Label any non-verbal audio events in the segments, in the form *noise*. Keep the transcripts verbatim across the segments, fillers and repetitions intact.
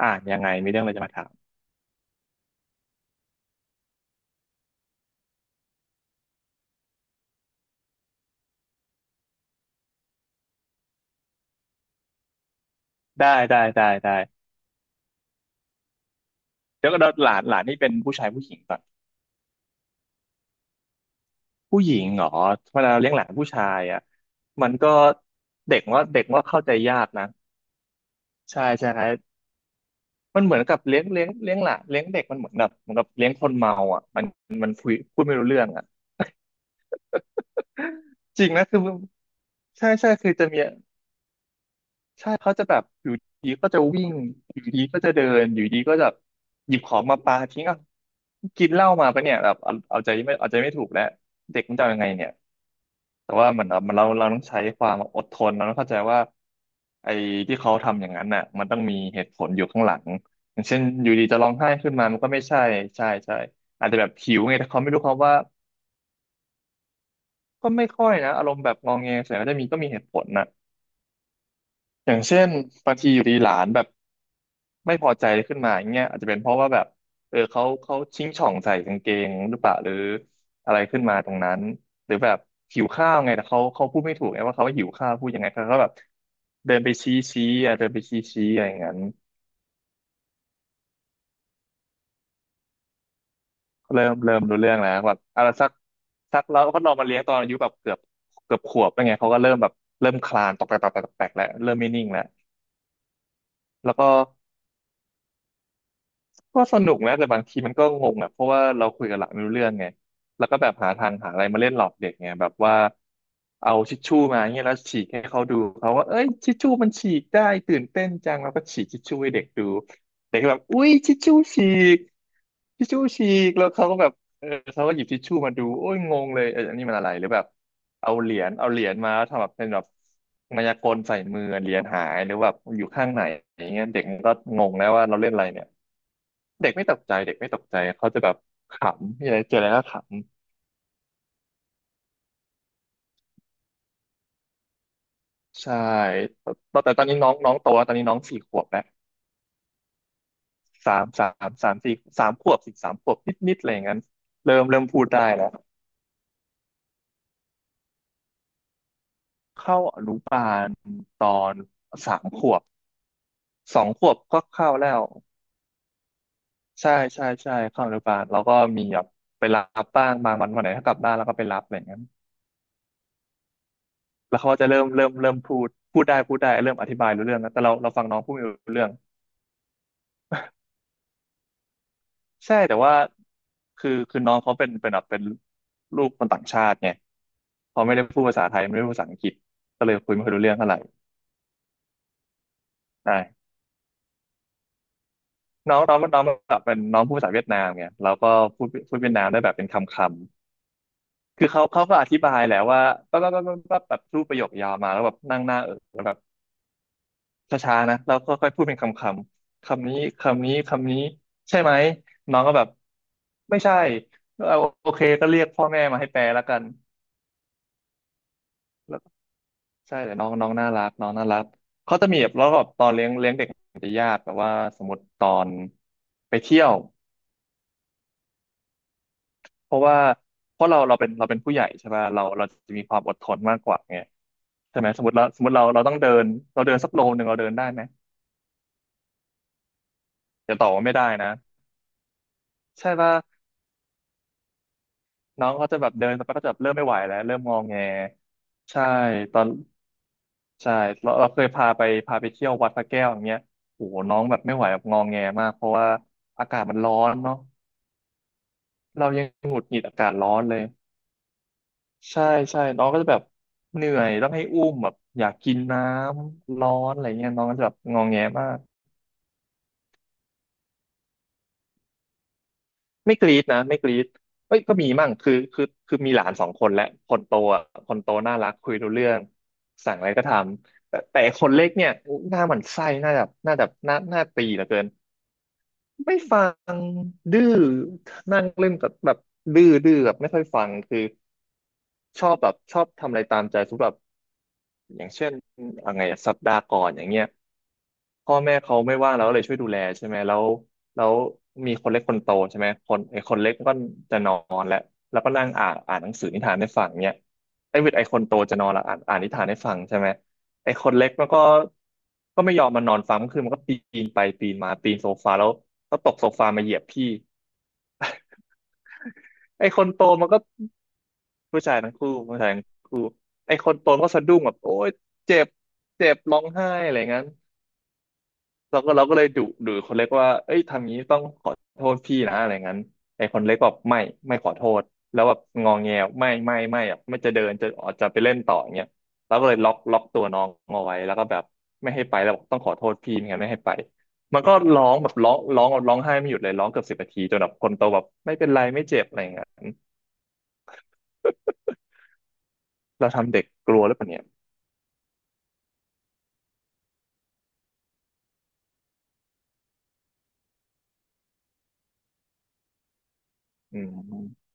อ่านยังไงมีเรื่องอะไรจะมาถามได้ได้ได้ได้เดี๋ยวก็เดี๋ยวหลานหลานนี่เป็นผู้ชายผู้หญิงก่อนผู้หญิงเหรอเวลาเราเลี้ยงหลานผู้ชายอ่ะมันก็เด็กว่าเด็กว่าเข้าใจยากนะใช่ใช่ครับมันเหมือนกับเลี้ยงเลี้ยงเลี้ยงหลานเลี้ยงเด็กมันเหมือนแบบเหมือนกับเลี้ยงคนเมาอ่ะมันมันคุยพูดไม่รู้เรื่องอ่ะ *laughs* จริงนะคือใช่ใช่คือจะมี ใช่เขาจะแบบอยู่ดีก็จะวิ่งอยู่ดีก็จะเดินอยู่ดีก็จะหยิบของมาปาทิ้งอ่ะกินเหล้ามาปะเนี่ยแบบเอาเอาใจไม่เอาใจไม่ถูกแล้วเด็กมันจะเอายังไงเนี่ยแต่ว่าเหมือนเราเราเราต้องใช้ความอดทนเราต้องเข้าใจว่าไอ้ที่เขาทำอย่างนั้นน่ะมันต้องมีเหตุผลอยู่ข้างหลังอย่างเช่นอยู่ดีจะร้องไห้ขึ้นมามันก็ไม่ใช่ใช่ใช่อาจจะแบบหิวไงแต่เขาไม่รู้เขาว่าก็ไม่ค่อยนะอารมณ์แบบงอแงส่วนใหญ่ก็จะมีก็มีเหตุผลนะอย่างเช่นบางทีอยู่ดีหลานแบบ ไม่พอใจขึ้นมาอย่างเงี้ยอาจจะเป็นเพราะว่าแบบเออเขาเขาชิงช่องใส่กางเกงหรือเปล่าหรืออะไรขึ้นมาตรงนั้นหรือแบบหิวข้าวไงแต่เขาเขาพูดไม่ถูกไงว่าเขาหิวข้าวพูดยังไงเขาก็แบบเดินไปชี้ชี้อ่ะเดินไปชี้ชี้อะไรอย่างนั้นเริ่มเริ่มรู้เรื่องแล้วแบบอะไรสักสักแล้วก็ลองมาเลี้ยงตอนอายุแบบเกือบเกือบขวบแล้วไงเขาก็เริ่มแบบเริ่มคลานตอกแตกตอกแตกตอกแตกแล้วเริ่มไม่นิ่งแล้วแล้วก็ ก็สนุกนะแต่บางทีมันก็งงอ่ะเพราะว่าเราคุยกับหลักไม่รู้เรื่องไงแล้วก็แบบหาทางหาอะไรมาเล่นหลอกเด็กไงแบบว่าเอาทิชชู่มาเงี้ยแล้วฉีกให้เขาดูเขาว่าเอ้ยชิชชู่มันฉีกได้ตื่นเต้นจังแล้วก็ฉีกชิชชู่ให้เด็กดูเด็กก็แบบอุ้ยชิชชู่ฉีกชิชชู่ฉีกแล้วเขาก็แบบเออเขาก็หยิบชิชชู่มาดูโอ้ยงงเลยเอออันนี้มันอะไรหรือแบบเอาเหรียญเอาเหรียญมาแล้วทำแบบเป็นแบบมายากลใส่มือเหรียญหายหรือแบบอยู่ข้างไหนอย่างเงี้ยเด็กมันก็งงแล้วว่าเราเล่นอะไรเนี่ย เด็กไม่ตกใจเด็กไม่ตกใจเขาจะแบบขำมีอะไรเจออะไรก็ขำใช่ตอนแต่ตอนนี้น้องน้องโตแล้วตอนนี้น้องสี่ขวบแล้วสามสามสามสี่สามขวบสี่สามขวบนิดนิดอะไรอย่างนั้นเริ่มเริ่มพูดได้แล้วเข้าอนุบาลตอนสามขวบสองขวบก็เข้าแล้วใช่ใช่ใช่เข้าอนุบาลแล้วก็มีแบบไปรับบ้างบางวันวันไหนถ้ากลับบ้านแล้วก็ไปรับอะไรอย่างนั้นแล้วเขาก็จะเริ่มเริ่มเริ่มพูดพูดได้พูดได้เริ่มอธิบายรู้เรื่องแล้วแต่เราเราฟังน้องพูดไม่รู้เรื่อง ใช่แต่ว่าคือคือน้องเขาเป็นเป็นแบบเป็นลูกคนต่างชาติไงเขาไม่ได้พูดภาษาไทยไม่ได้พูดภาษาอังกฤษก็เลยคุยไม่ค่อยรู้เรื่องเท่าไหร่ใช่น้องน้องน้องแบบเป็นน้องพูดภาษาเวียดนามไงเราก็พูดพูดเวียดนามได้แบบเป็นคำคำคือเขาเขาก็อธิบายแหละว่าปั๊บปั๊บปั๊บปั๊บปั๊บแบบพูดประโยคยาวมาแล้วแบบนั่งหน้าเออแล้วแบบช้าๆนะเราก็ค่อยพูดเป็นคำคำคำนี้คำนี้คำนี้ใช่ไหมน้องก็แบบไม่ใช่เอาโอเคก็เรียกพ่อแม่มาให้แปลแล้วกัน ใช่แต่น้องน้องน่ารักน้องน่ารักเขาจะมีแบบแล้วก็ตอนเลี้ยงเลี้ยงเด็กจะยากแบบว่าสมมติตอนไปเที่ยวเพราะว่าเพราะเราเราเป็นเราเป็นผู้ใหญ่ใช่ป่ะเราเราจะมีความอดทนมากกว่าไงใช่ไหมสมมติเราสมมติเราเราต้องเดินเราเดินสักโลนึงเราเดินได้ไหมจะต่อว่าไม่ได้นะใช่ป่ะน้องเขาจะแบบเดินสักพักก็จะแบบเริ่มไม่ไหวแล้วเริ่มงอแงใช่ตอนใช่เราเราเคยพาไปพาไปเที่ยววัดพระแก้วอย่างเงี้ยโอ้โหน้องแบบไม่ไหวแบบงอแงมากเพราะว่าอากาศมันร้อนเนาะ เรายังหงุดหงิดอากาศร้อนเลยใช่ใช่น้องก็จะแบบเหนื่อยต้องให้อุ้มแบบอยากกินน้ำร้อนอะไรเงี้ยน้องก็จะแบบงอแงมากไม่กรี๊ดนะไม่กรี๊ดเอ้ยก็มีมั่งคือคือคือมีหลานสองคนและคนโตอ่ะคนโตน่ารักคุยรู้เรื่องสั่งอะไรก็ทำแต่แต่คนเล็กเนี่ยหน้าหมันไส้หน้าแบบหน้าแบบหน้าหน้าตีเหลือเกินไม่ฟังดื้อนั่งเล่นกับแบบดื้อดื้อแบบไม่ค่อยฟังคือชอบแบบชอบทำอะไรตามใจสมมติแบบ อย่างเช่นอะไรอะสัปดาห์ก่อนอย่างเงี้ยพ่อแม่เขาไม่ว่างเราก็เลยช่วยดูแลใช่ไหมแล้วแล้วมีคนเล็กคนโตใช่ไหมคนไอ้คนเล็กก็จะนอนแล้วก็นั่งอ่านอ่านหนังสือนิทานให้ฟังเนี่ยไอ้เวทไอ้คนโตจะนอนแล้วอ่านอ่านนิทานให้ฟังใช่ไหมไอ้คนเล็กมันก็ก็ไม่ยอมมานอนฟังก็คือมันก็ปีนไปปีนมาปีนโซฟาแล้วก็ตกโซฟามาเหยียบพี่ไอ้คนโตมันก็ผู้ชายทั้งคู่ผู้ชายทั้งคู่ไอ้คนโตมันก็สะดุ้งแบบโอ๊ยเจ็บเจ็บร้องไห้อะไรงั้น เราก็เราก็เลยดุดุคนเล็กว่าเอ้ยทำงี้ต้องขอโทษพี่นะอะไรงั้นไอ้คนเล็กบอกไม่ไม่ขอโทษแล้วแบบงอแงไม่ไม่ไม่อ่ะไม่จะเดินจะออกจะไปเล่นต่ออย่างเงี้ยเราก็เลยล็อกล็อกตัวน้องเอาไว้แล้วก็แบบไม่ให้ไปแล้วบอกต้องขอโทษพี่ไม่งั้นไม่ให้ไปมันก็ร้องแบบร้องร้องร้องไห้ไม่หยุดเลยร้องเกือบสิบนาทีจนแบบคนโตแบบไม่เป็นไรไม่เจ็บอะไรอย่างเงี้ยเราทำเด็กกลัวหรือเปล่าเนี่ยอืม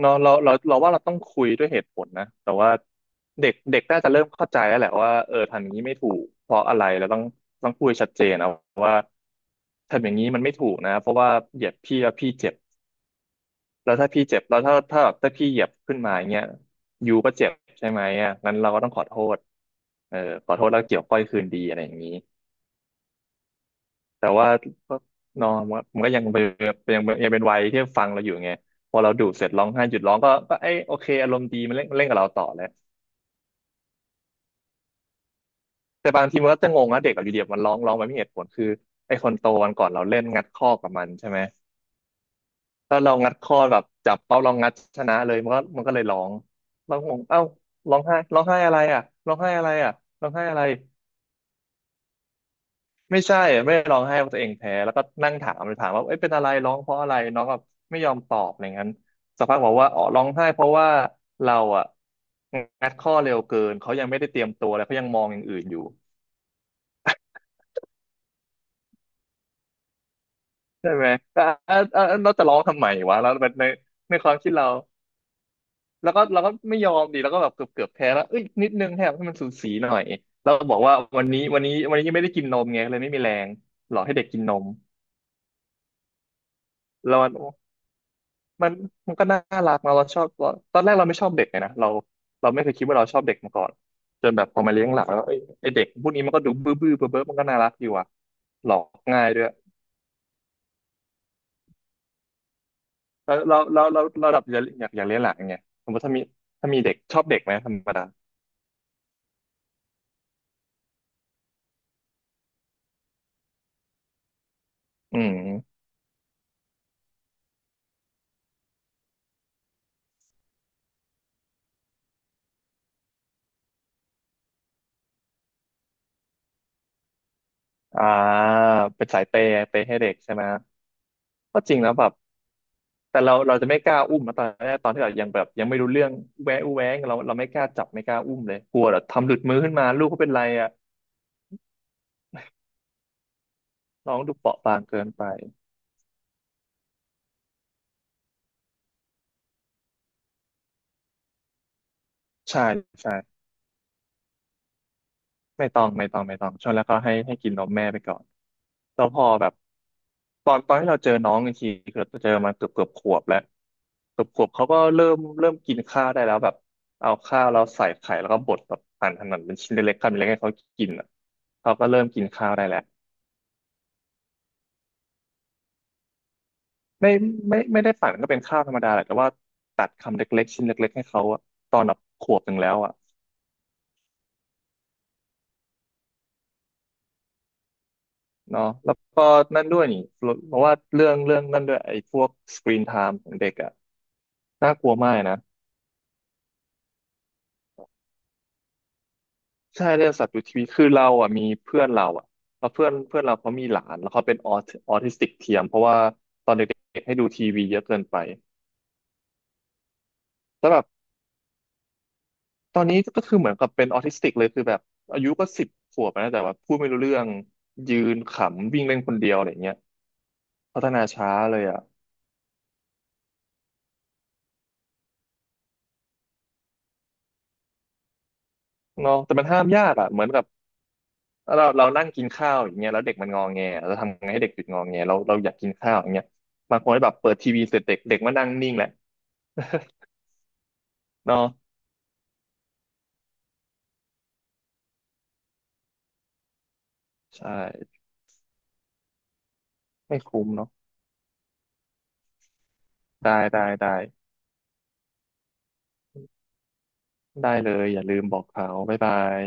เนาะเราเราเราว่าเราต้องคุยด้วยเหตุผลนะแต่ว่าเด็กเด็กน่าจะเริ่มเข้าใจแล้วแหละว่าเออทำอย่างนี้ไม่ถูกเพราะอะไรเราต้องต้องพูดชัดเจนเอาทำอย่างนี้มันไม่ถูกนะเพราะว่าเหยียบพี่แล้วพี่เจ็บแล้วถ้าพี่เจ็บแล้วถ้าถ้าแบบถ้าพี่เหยียบขึ้นมาอย่างเงี้ยยูก็เจ็บใช่ไหมอ่ะงั้นเราก็ต้องขอโทษเออขอโทษแล้วเกี่ยวก้อยคืนดีอะไรอย่างนี้แต่ว่าก็เนอะมันมันก็ยังเป็นยังเป็นยังเป็นวัยที่ฟังเราอยู่ไงพอเราดูเสร็จร้องไห้หยุดร้องก็ก็เอ้ยโอเคอารมณ์ดีมันเล่นเล่นกับเราต่อแล้ว แต่บางทีมันก็จะงงว่าเด็กอะอยู่เดียบมันร้องร้องไปไม่มีเหตุผลคือไอ้คนโตวันก่อนเราเล่นงัดข้อกับมันใช่ไหมแล้วเรางัดข้อแบบจับเป้าลองงัดชนะเลยมันก็มันก็เลยร้องเร้องงงเอ้าร้องไห้ร้องไห้อะไรอ่ะร้องไห้อะไรอ่ะร้องไห้อะไรไม่ใช่อะไม่ได้ร้องไห้ว่าตัวเองแพ้แล้วก็นั่งถามเลยถามว่าเอ้ยเป็นอะไรร้องเพราะอะไรน้องแบบไม่ยอมตอบอะไรงั้นสักพักบอกว่าอ๋อร้องไห้เพราะว่าเราอ่ะงัดข้อเร็วเกินเขายังไม่ได้เตรียมตัวอะไรเขายังมองอย่างอื่นอยู่ ใช่ไหมแต่อ่ะอ่ะเราจะร้องทำไมวะแล้วแบบในในความคิดเราแล้วก็เราก็ไม่ยอมดีแล้วก็แบบเกือบเกือบแพ้แล้วเอ้ยนิดนึงแทบให้มันสูสีหน่อยเราบอกว่าวันนี้วันนี้วันนี้ยังไม่ได้กินนมไงเลยไม่มีแรงหลอกให้เด็กกินนมแล้วมันมันมันก็น่ารักนะเราชอบเราตอนแรกเราไม่ชอบเด็กเลยนะเราเราไม่เคยคิดว่าเราชอบเด็กมาก่อนจนแบบพอมาเลี้ยงหลักแล้วเอ้ยไอเด็กพวกนี้มันก็ดูบื้อบื้อเบ้อเบ้อมันก็น่ารักอยู่อ่ะหลอกง่ายด้วย แล้วเราเราเราเราดับอยากอยากอยากเลี้ยงหลานไงสมมติถ้ามีถ้ามีเด็กชอบเด็กไหมธรรมดาอืมอ่าเป็นสายเปย์เปย์ให้เด็กใช่ไหมก็จริงแล้วแบบแต่เราเราจะไม่กล้าอุ้มนะตอนแรกตอนที่เรายังแบบยังไม่รู้เรื่องแวะอู้แวงเราเราไม่กล้าจับไม่กล้าอุ้มเลยกลัวแบบทำหลุดมือขึ้นมาลูกเขาเป็นไรอ่ะน้องดูเปราะบางเกินไปใช่ใช่ ไม่ต้องไม่ต้องไม่ต้องช่วงแรกก็ให้ให้กินนมแม่ไปก่อนแล้วพอแบบตอนตอนที่เราเจอน้องอีกทีคือเราเจอมาเกือบเกือบขวบแล้วเกือบขวบเขาก็เริ่มเริ่มกินข้าวได้แล้วแบบเอาข้าวเราใส่ไข่แล้วก็บดแบบหั่นหั่นหั่นเป็นชิ้นเล็กๆคำเล็กๆให้เขากินอ่ะเขาก็เริ่มกินข้าวได้แล้วไม่ไม่ไม่ได้ปั่นก็เป็นข้าวธรรมดาแหละแต่ว่าตัดคำเล็กๆ ชิ้นเล็กๆ ให้เขาอะตอนแบบขวบหนึ่งแล้วอ่ะเนาะแล้วก็นั่นด้วยนี่เพราะว่าเรื่องเรื่องนั่นด้วยไอ้พวกสกรีนไทม์ของเด็กอะ น่ากลัวมากนะใช่เรื่องสัตว์อยู่ทีวีคือเราอ่ะมีเพื่อนเราอ่ะแล้วเพื่อนเพื่อนเราเขามีหลานแล้วเขาเป็นออทออทิสติกเทียมเพราะว่าเด็กให้ดูทีวีเยอะเกินไปแต่แบบตอนนี้ก็คือเหมือนกับเป็นออทิสติกเลยคือแบบอายุก็สิบขวบแล้วนะแต่ว่าพูดไม่รู้เรื่องยืนขำวิ่งเล่นคนเดียวอะไรเงี้ยพัฒนาช้าเลยอ่ะเนาะแต่มันห้ามยากอ่ะเหมือนกับเราเรานั่งกินข้าวอย่างเงี้ยแล้วเด็กมันงอแงเราทำไงให้เด็กหยุดงอแงเราเราอยากกินข้าวอย่างเงี้ยบางคนแบบเปิดทีวีเสร็จเด็กเด็กมานั่งนิ่งแหละ *laughs* เนาะ ใช่ไม่คุ้มเนาะได้ได้ได้ได้เลยอย่าลืมบอกเขาบ๊ายบาย